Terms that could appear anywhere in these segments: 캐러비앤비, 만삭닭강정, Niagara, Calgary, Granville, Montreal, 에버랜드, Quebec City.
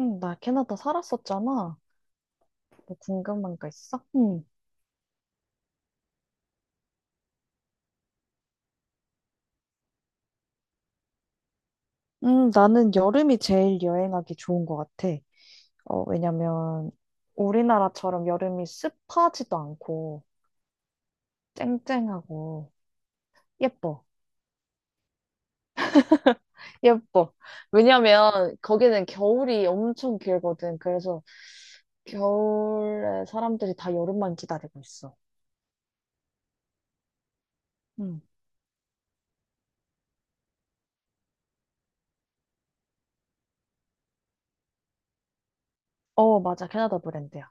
응, 나 캐나다 살았었잖아. 뭐 궁금한 거 있어? 응. 나는 여름이 제일 여행하기 좋은 것 같아. 왜냐면 우리나라처럼 여름이 습하지도 않고 쨍쨍하고 예뻐. 예뻐. 왜냐면 거기는 겨울이 엄청 길거든. 그래서 겨울에 사람들이 다 여름만 기다리고 있어. 응. 맞아. 캐나다 브랜드야.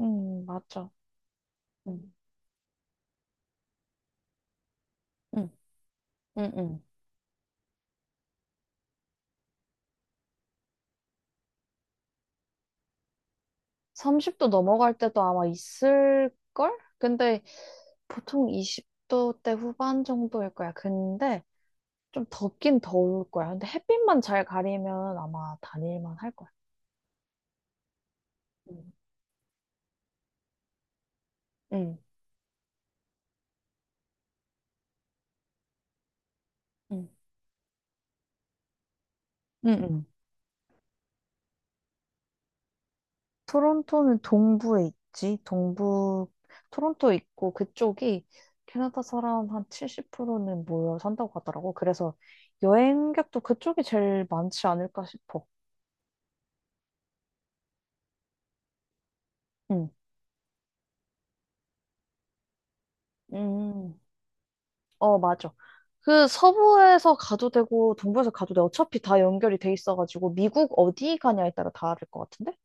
응, 맞아. 응, 응. 응, 응. 30도 넘어갈 때도 아마 있을걸? 근데 보통 20도 대 후반 정도일 거야. 근데 좀 덥긴 더울 거야. 근데 햇빛만 잘 가리면 아마 다닐만 할 거야. 응, 응, 응, 응. 응. 토론토는 동부에 있지. 동부, 토론토 있고 그쪽이 캐나다 사람 한 70%는 모여 산다고 하더라고. 그래서 여행객도 그쪽이 제일 많지 않을까 싶어. 응. 음. 맞아. 서부에서 가도 되고 동부에서 가도 돼. 어차피 다 연결이 돼 있어가지고 미국 어디 가냐에 따라 다를 것 같은데?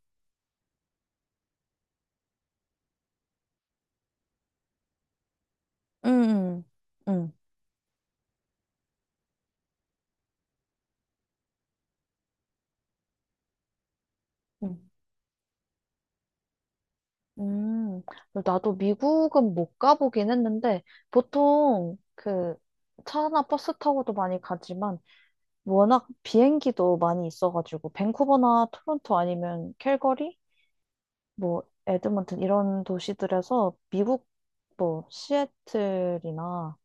응, 응, 음. 음, 나도 미국은 못 가보긴 했는데, 보통 차나 버스 타고도 많이 가지만, 워낙 비행기도 많이 있어가지고, 밴쿠버나 토론토 아니면 캘거리? 뭐, 에드먼튼 이런 도시들에서 미국 뭐, 시애틀이나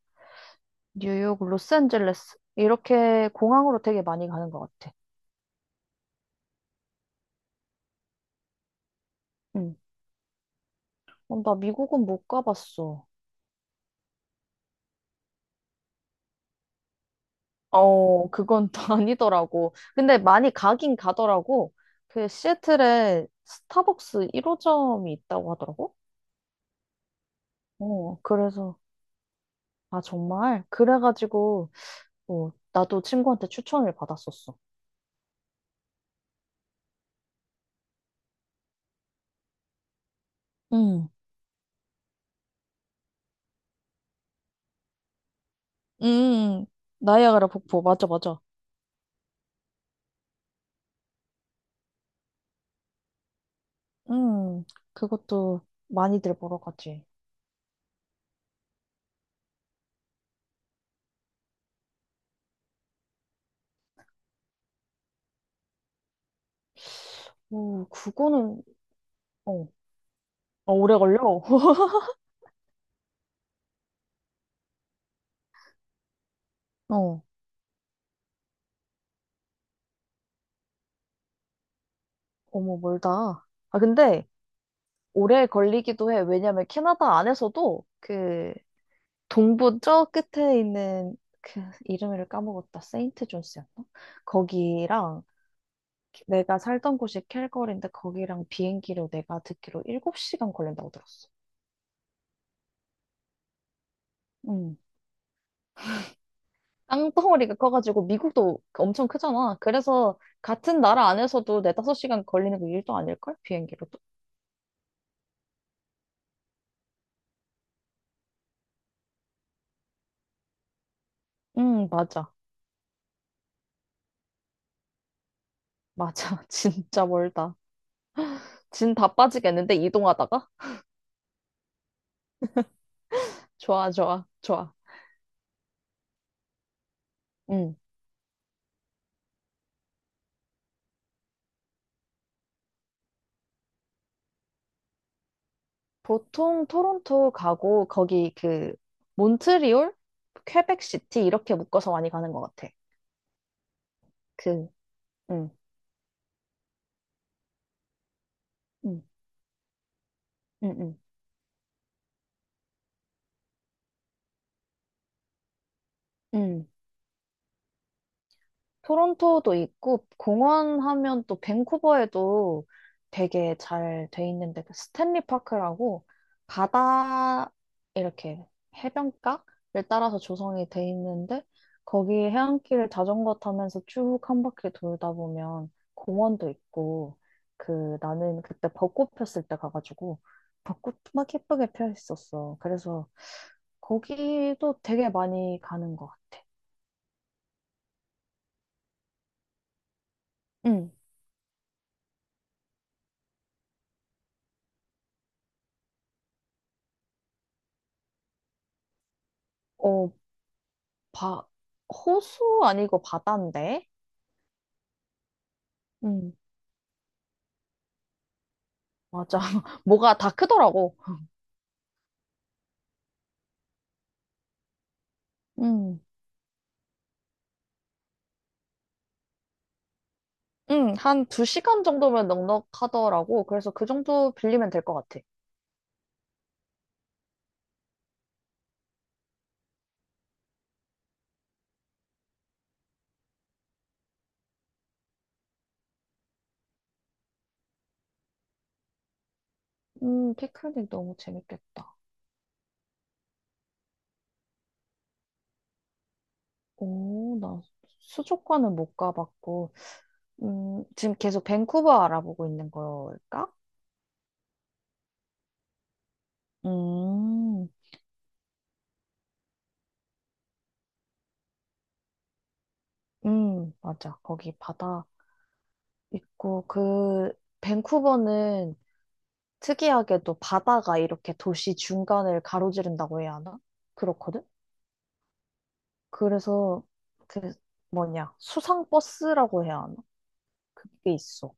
뉴욕, 로스앤젤레스. 이렇게 공항으로 되게 많이 가는 것 같아. 응. 나 미국은 못 가봤어. 그건 또 아니더라고. 근데 많이 가긴 가더라고. 시애틀에 스타벅스 1호점이 있다고 하더라고. 그래서, 아, 정말? 그래가지고, 나도 친구한테 추천을 받았었어. 응, 응, 나이아가라 폭포. 맞아, 맞아. 응, 그것도 많이들 보러 가지. 그거는, 어, 오래 걸려? 어, 어머, 멀다. 아, 근데 오래 걸리기도 해. 왜냐면 캐나다 안에서도 그 동부 저 끝에 있는 그 이름을 까먹었다. 세인트 존스였나? 거기랑 내가 살던 곳이 캘거리인데 거기랑 비행기로 내가 듣기로 7시간 걸린다고 들었어. 음 땅덩어리가 커가지고 미국도 엄청 크잖아. 그래서 같은 나라 안에서도 네다섯 시간 걸리는 게 일도 아닐걸? 비행기로도. 응, 맞아. 맞아. 진짜 멀다. 진 다 빠지겠는데 이동하다가? 좋아, 좋아, 좋아. 음, 보통 토론토 가고 거기 몬트리올, 퀘벡시티 이렇게 묶어서 많이 가는 것 같아. 그, 음, 음, 음, 음, 음. 토론토도 있고 공원 하면 또 밴쿠버에도 되게 잘 돼 있는데 스탠리 파크라고 바다 이렇게 해변가를 따라서 조성이 돼 있는데 거기 해안길을 자전거 타면서 쭉 한 바퀴 돌다 보면 공원도 있고 나는 그때 벚꽃 폈을 때 가가지고 벚꽃 막 예쁘게 펴 있었어. 그래서 거기도 되게 많이 가는 것 같아. 응. 어, 바, 호수 아니고 바다인데? 음, 맞아. 뭐가 다 크더라고. 음, 한 2시간 정도면 넉넉하더라고. 그래서 그 정도 빌리면 될 것 같아. 피크닉 너무 재밌겠다. 오, 나 수족관은 못 가봤고, 지금 계속 밴쿠버 알아보고 있는 걸까? 음, 맞아. 거기 바다 있고, 밴쿠버는 특이하게도 바다가 이렇게 도시 중간을 가로지른다고 해야 하나? 그렇거든? 그래서 그 뭐냐, 수상버스라고 해야 하나? 그게 있어.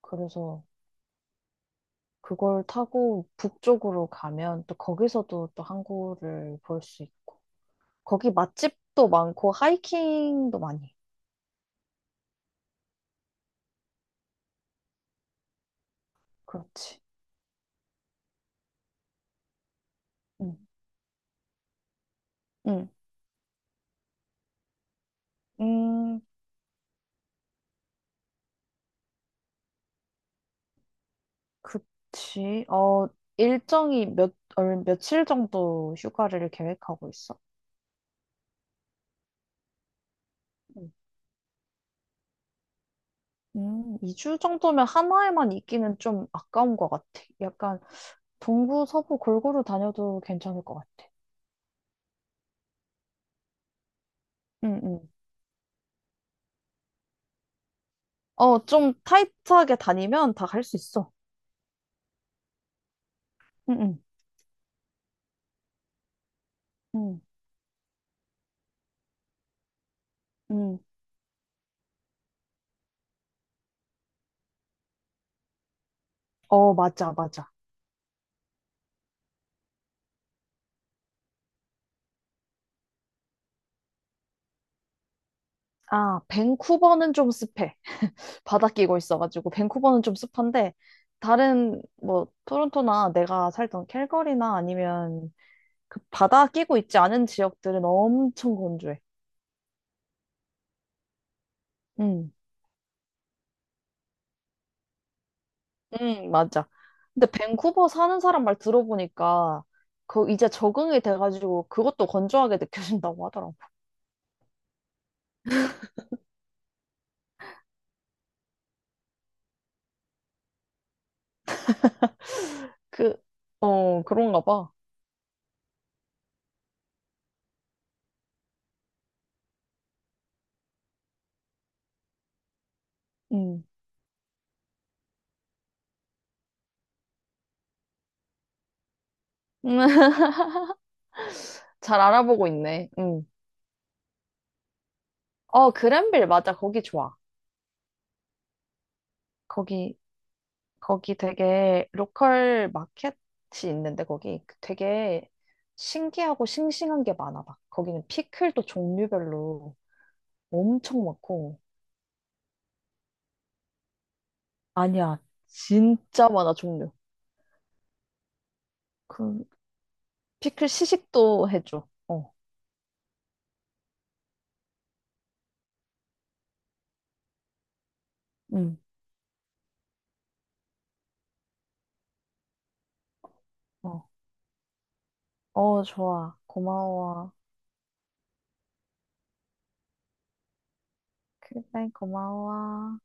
그래서 그걸 타고 북쪽으로 가면 또 거기서도 또 항구를 볼 수 있고. 거기 맛집도 많고 하이킹도 많이 해. 그렇지. 응. 응. 음, 그치. 일정이 며칠 정도 휴가를 계획하고 있어? 응. 2주 정도면 하나에만 있기는 좀 아까운 것 같아. 약간 동부, 서부 골고루 다녀도 괜찮을 것 같아. 응, 응. 좀 타이트하게 다니면 다 갈 수 있어. 응, 응, 응, 응. 맞아, 맞아. 아, 밴쿠버는 좀 습해. 바다 끼고 있어가지고, 밴쿠버는 좀 습한데, 다른, 뭐, 토론토나 내가 살던 캘거리나 아니면 그 바다 끼고 있지 않은 지역들은 엄청 건조해. 응. 응, 맞아. 근데 밴쿠버 사는 사람 말 들어보니까 이제 적응이 돼가지고 그것도 건조하게 느껴진다고 하더라고. 그, 그런가 봐. 응. 잘 알아보고 있네. 응. 그랜빌 맞아. 거기 좋아. 거기 거기 되게 로컬 마켓이 있는데 거기 되게 신기하고 싱싱한 게 많아 막. 거기는 피클도 종류별로 엄청 많고. 아니야. 진짜 많아 종류. 그 피클 시식도 해줘. 응. 어, 좋아. 고마워. 그래, 고마워.